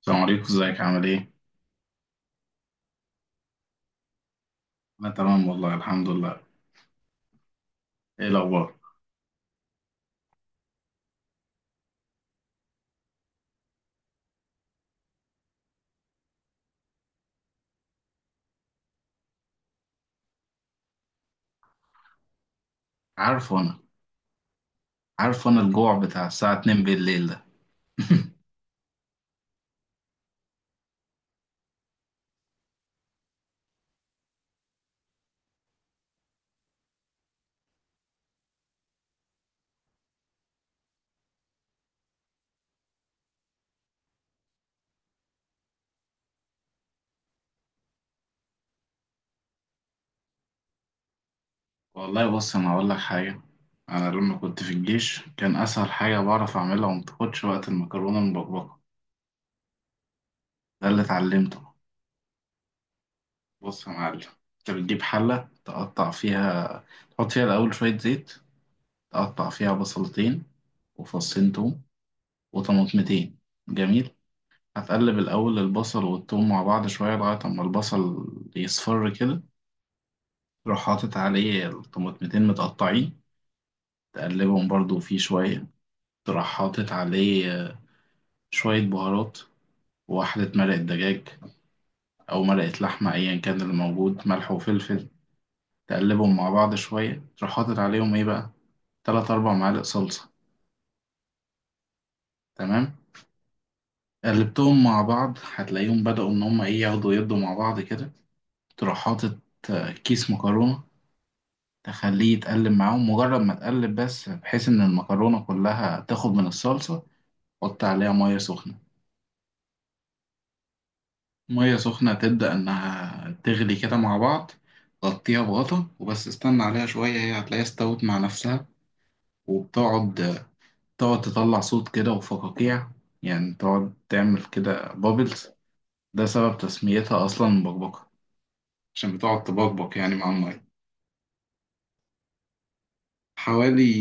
السلام عليكم، ازيك عامل ايه؟ انا تمام والله الحمد لله. ايه الاخبار؟ عارفه انا عارفه انا الجوع بتاع الساعة 2 بالليل ده. والله بص، انا هقول لك حاجة. انا لما كنت في الجيش كان اسهل حاجة بعرف اعملها وما بتاخدش وقت المكرونة المبكبكة. ده اللي اتعلمته. بص يا معلم، انت بتجيب حلة تقطع فيها. تحط فيها الاول شوية زيت، تقطع فيها بصلتين وفصين توم وطماطمتين. جميل. هتقلب الأول البصل والثوم مع بعض شوية لغاية أما البصل يصفر كده، تروح حاطط عليه الطماطمتين متقطعين. تقلبهم برضو فيه شوية، تروح حاطط عليه شوية بهارات وواحدة مرقة دجاج أو مرقة لحمة أيا كان اللي موجود، ملح وفلفل. تقلبهم مع بعض شوية، تروح حاطط عليهم إيه بقى، تلات أربع معالق صلصة. تمام. قلبتهم مع بعض هتلاقيهم بدأوا إن هما إيه، ياخدوا يدوا مع بعض كده. تروح حاطط كيس مكرونة، تخليه يتقلب معاهم مجرد ما تقلب بس، بحيث إن المكرونة كلها تاخد من الصلصة. حط عليها مية سخنة. مية سخنة تبدأ إنها تغلي كده مع بعض. غطيها بغطا وبس، استنى عليها شوية هي هتلاقيها استوت مع نفسها. وبتقعد تقعد تطلع صوت كده وفقاقيع، يعني تقعد تعمل كده بابلز. ده سبب تسميتها أصلا بقبقة، عشان بتقعد تبقبق يعني مع المية. حوالي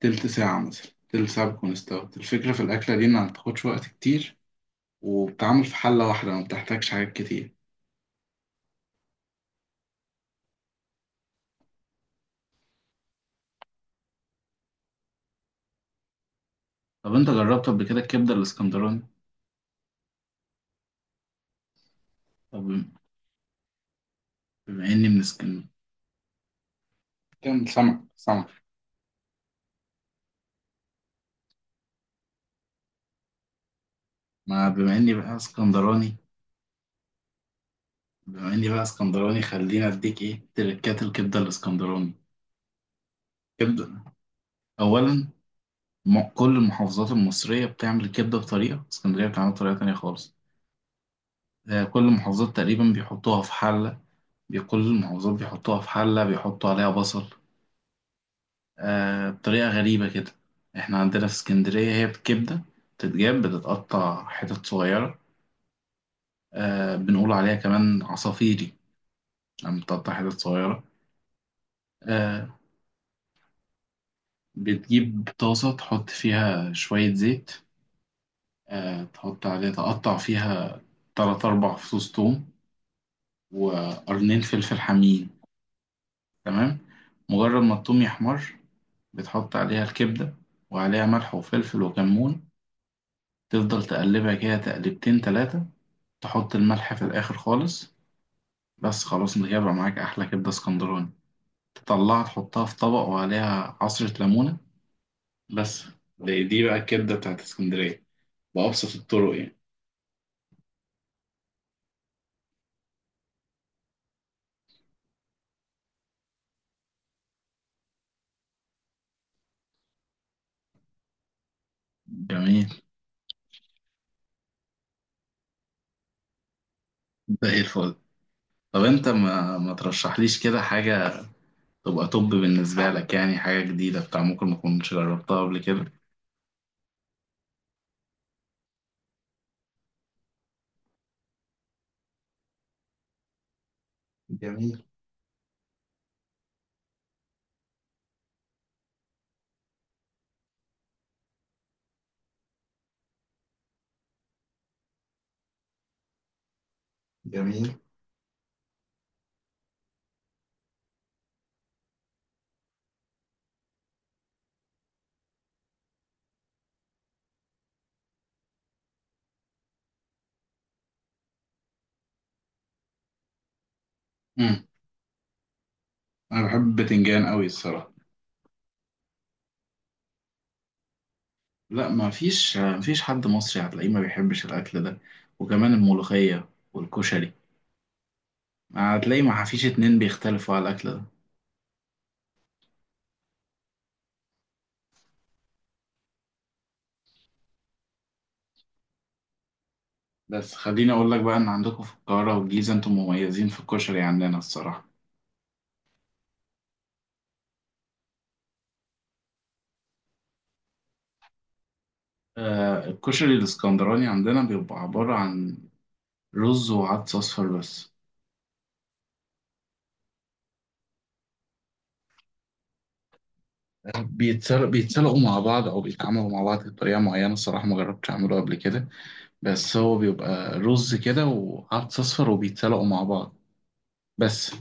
تلت ساعة مثلا، تلت ساعة بتكون استوت. الفكرة في الأكلة دي إنها متاخدش وقت كتير، وبتعمل في حلة واحدة ما بتحتاجش حاجات كتير. طب انت جربت قبل كده الكبده الاسكندراني؟ طب بما اني من اسكن. كان سمك سمك. ما بما اني بقى اسكندراني خليني اديك ايه تركات الكبده الاسكندراني. كبده، اولا، كل المحافظات المصريه بتعمل الكبده بطريقه، اسكندريه بتعمل بطريقه تانية خالص. آه، كل المحافظات تقريبا بيحطوها في حله. كل المحافظات بيحطوها في حله بيحطوا عليها بصل، آه بطريقة غريبة كده. احنا عندنا في اسكندرية هي بكبدة، بتتجاب بتتقطع حتت صغيرة. آه، بنقول عليها كمان عصافيري لما بتقطع حتت صغيرة. آه، بتجيب طاسة تحط فيها شوية زيت، آه تحط عليها تقطع فيها تلات أربع فصوص توم وقرنين فلفل حامين. تمام. مجرد ما التوم يحمر، بتحط عليها الكبدة وعليها ملح وفلفل وكمون. تفضل تقلبها كده تقلبتين تلاتة، تحط الملح في الآخر خالص. بس، خلاص انت كده بقى معاك أحلى كبدة اسكندراني. تطلعها تحطها في طبق وعليها عصرة ليمونة. بس. دي بقى الكبدة بتاعت اسكندرية، بأبسط الطرق يعني. جميل. زي الفل. طب انت ما ترشحليش كده حاجة، تبقى طب بالنسبة لك يعني حاجة جديدة بتاع ممكن ما كنتش جربتها قبل كده؟ جميل. جميل. امم انا بحب البتنجان قوي الصراحه. لا، ما فيش حد مصري هتلاقيه ما بيحبش الاكل ده، وكمان الملوخيه والكشري. هتلاقي ما فيش اتنين بيختلفوا على الأكل ده. بس خليني أقول لك بقى إن عندكم في القاهرة والجيزة أنتم مميزين في الكشري، عندنا الصراحة آه، الكشري الإسكندراني عندنا بيبقى عبارة عن رز وعدس أصفر بس. بيتسلقوا مع بعض أو بيتعاملوا مع بعض بطريقة معينة. الصراحة ما جربتش أعمله قبل كده، بس هو بيبقى رز كده وعدس أصفر وبيتسلقوا مع بعض بس.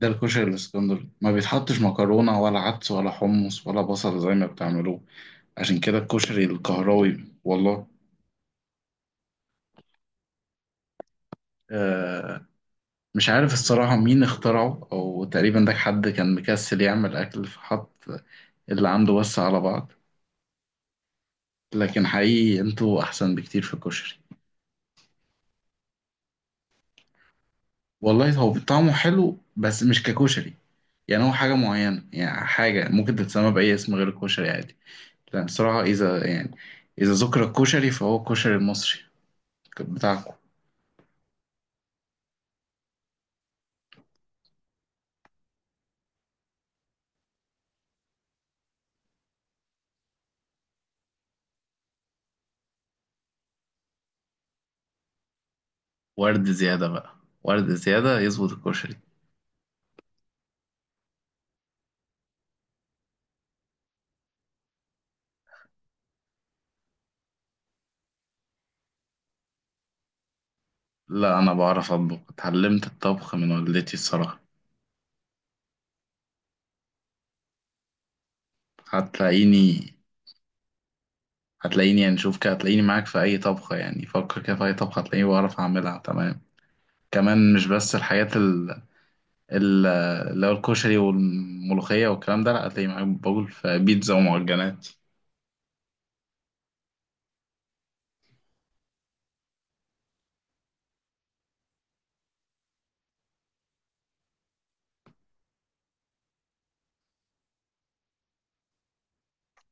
ده الكشري الاسكندري، ما بيتحطش مكرونة ولا عدس ولا حمص ولا بصل زي ما بتعملوه. عشان كده الكشري القهراوي والله، آه، مش عارف الصراحة مين اخترعه، أو تقريبا ده حد كان مكسل يعمل أكل فحط اللي عنده بس على بعض. لكن حقيقي انتوا أحسن بكتير في الكشري. والله هو طعمه حلو بس مش ككشري، يعني هو حاجة معينة، يعني حاجة ممكن تتسمى بأي اسم غير الكشري عادي، لأن الصراحة إذا يعني إذا ذكر الكشري فهو الكشري المصري كان بتاعكم. ورد زيادة بقى، ورد زيادة يظبط الكشري. لا، أنا بعرف أطبخ، اتعلمت الطبخ من والدتي الصراحة. هتلاقيني، هتلاقيني يعني شوف كده، هتلاقيني معاك في أي طبخة، يعني فكر كده في أي طبخة هتلاقيني بعرف أعملها تمام. كمان مش بس الحاجات ال- اللي هو الكشري والملوخية والكلام ده، لا هتلاقيني معاك بقول في بيتزا ومعجنات.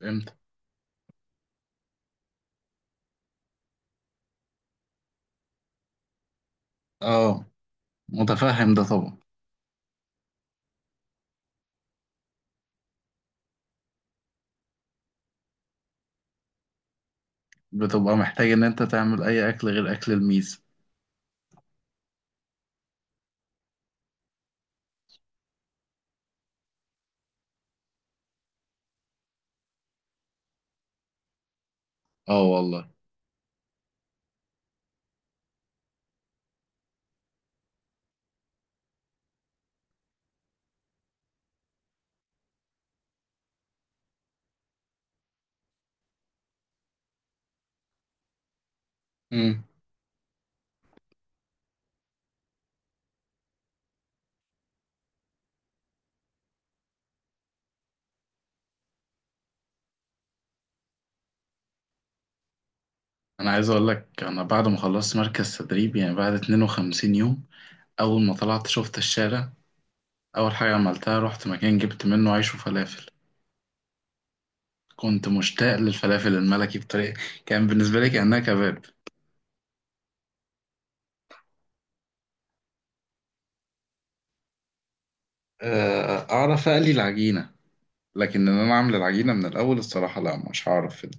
فهمت؟ اه، متفهم ده طبعا. بتبقى محتاج إن أنت تعمل أي أكل غير أكل الميز. اه والله. انا عايز اقول لك، انا بعد ما خلصت مركز تدريب يعني بعد 52 يوم، اول ما طلعت شفت الشارع، اول حاجه عملتها رحت مكان جبت منه عيش وفلافل. كنت مشتاق للفلافل الملكي بطريقه، كان بالنسبه لي كانها كباب. آه، اعرف اقلي العجينه، لكن ان انا اعمل العجينه من الاول الصراحه لا، مش هعرف في ده.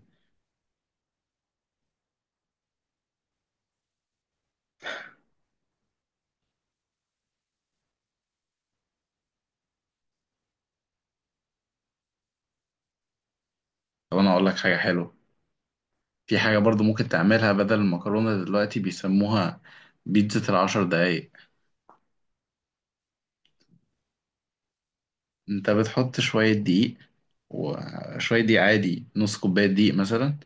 طب انا اقول لك حاجه حلوه. في حاجه برضو ممكن تعملها بدل المكرونه دلوقتي، بيسموها بيتزا ال10 دقايق. انت بتحط شوية دقيق، وشوية دقيق عادي، نص كوباية دقيق مثلا،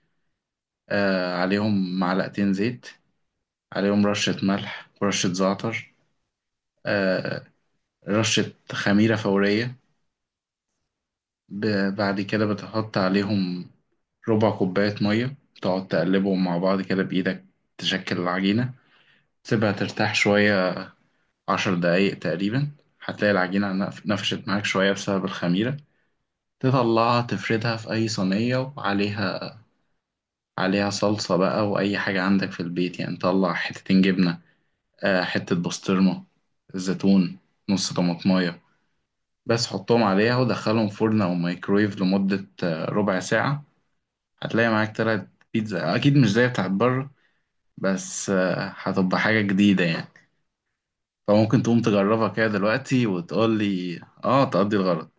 آه عليهم معلقتين زيت، عليهم رشة ملح ورشة زعتر، آه، رشة خميرة فورية. بعد كده بتحط عليهم ربع كوباية مية، تقعد تقلبهم مع بعض كده بإيدك، تشكل العجينة، تسيبها ترتاح شوية، 10 دقايق تقريبا. هتلاقي العجينة نفشت معاك شوية بسبب الخميرة. تطلعها تفردها في أي صينية، وعليها عليها صلصة بقى وأي حاجة عندك في البيت، يعني طلع حتتين جبنة، حتة بسطرمة، زيتون، نص طماطماية بس، حطهم عليها ودخلهم فرن أو مايكرويف لمدة ربع ساعة. هتلاقي معاك طلعت بيتزا، أكيد مش زي بتاعت بره بس هتبقى حاجة جديدة يعني، فممكن تقوم تجربها كده دلوقتي وتقول لي، آه تقضي الغرض.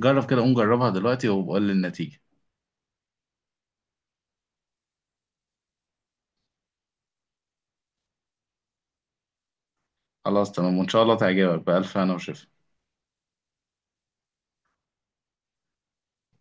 جرب كده، قوم جربها دلوقتي وبقول لي النتيجة. خلاص تمام، وإن شاء الله تعجبك، بألف هنا وشفا.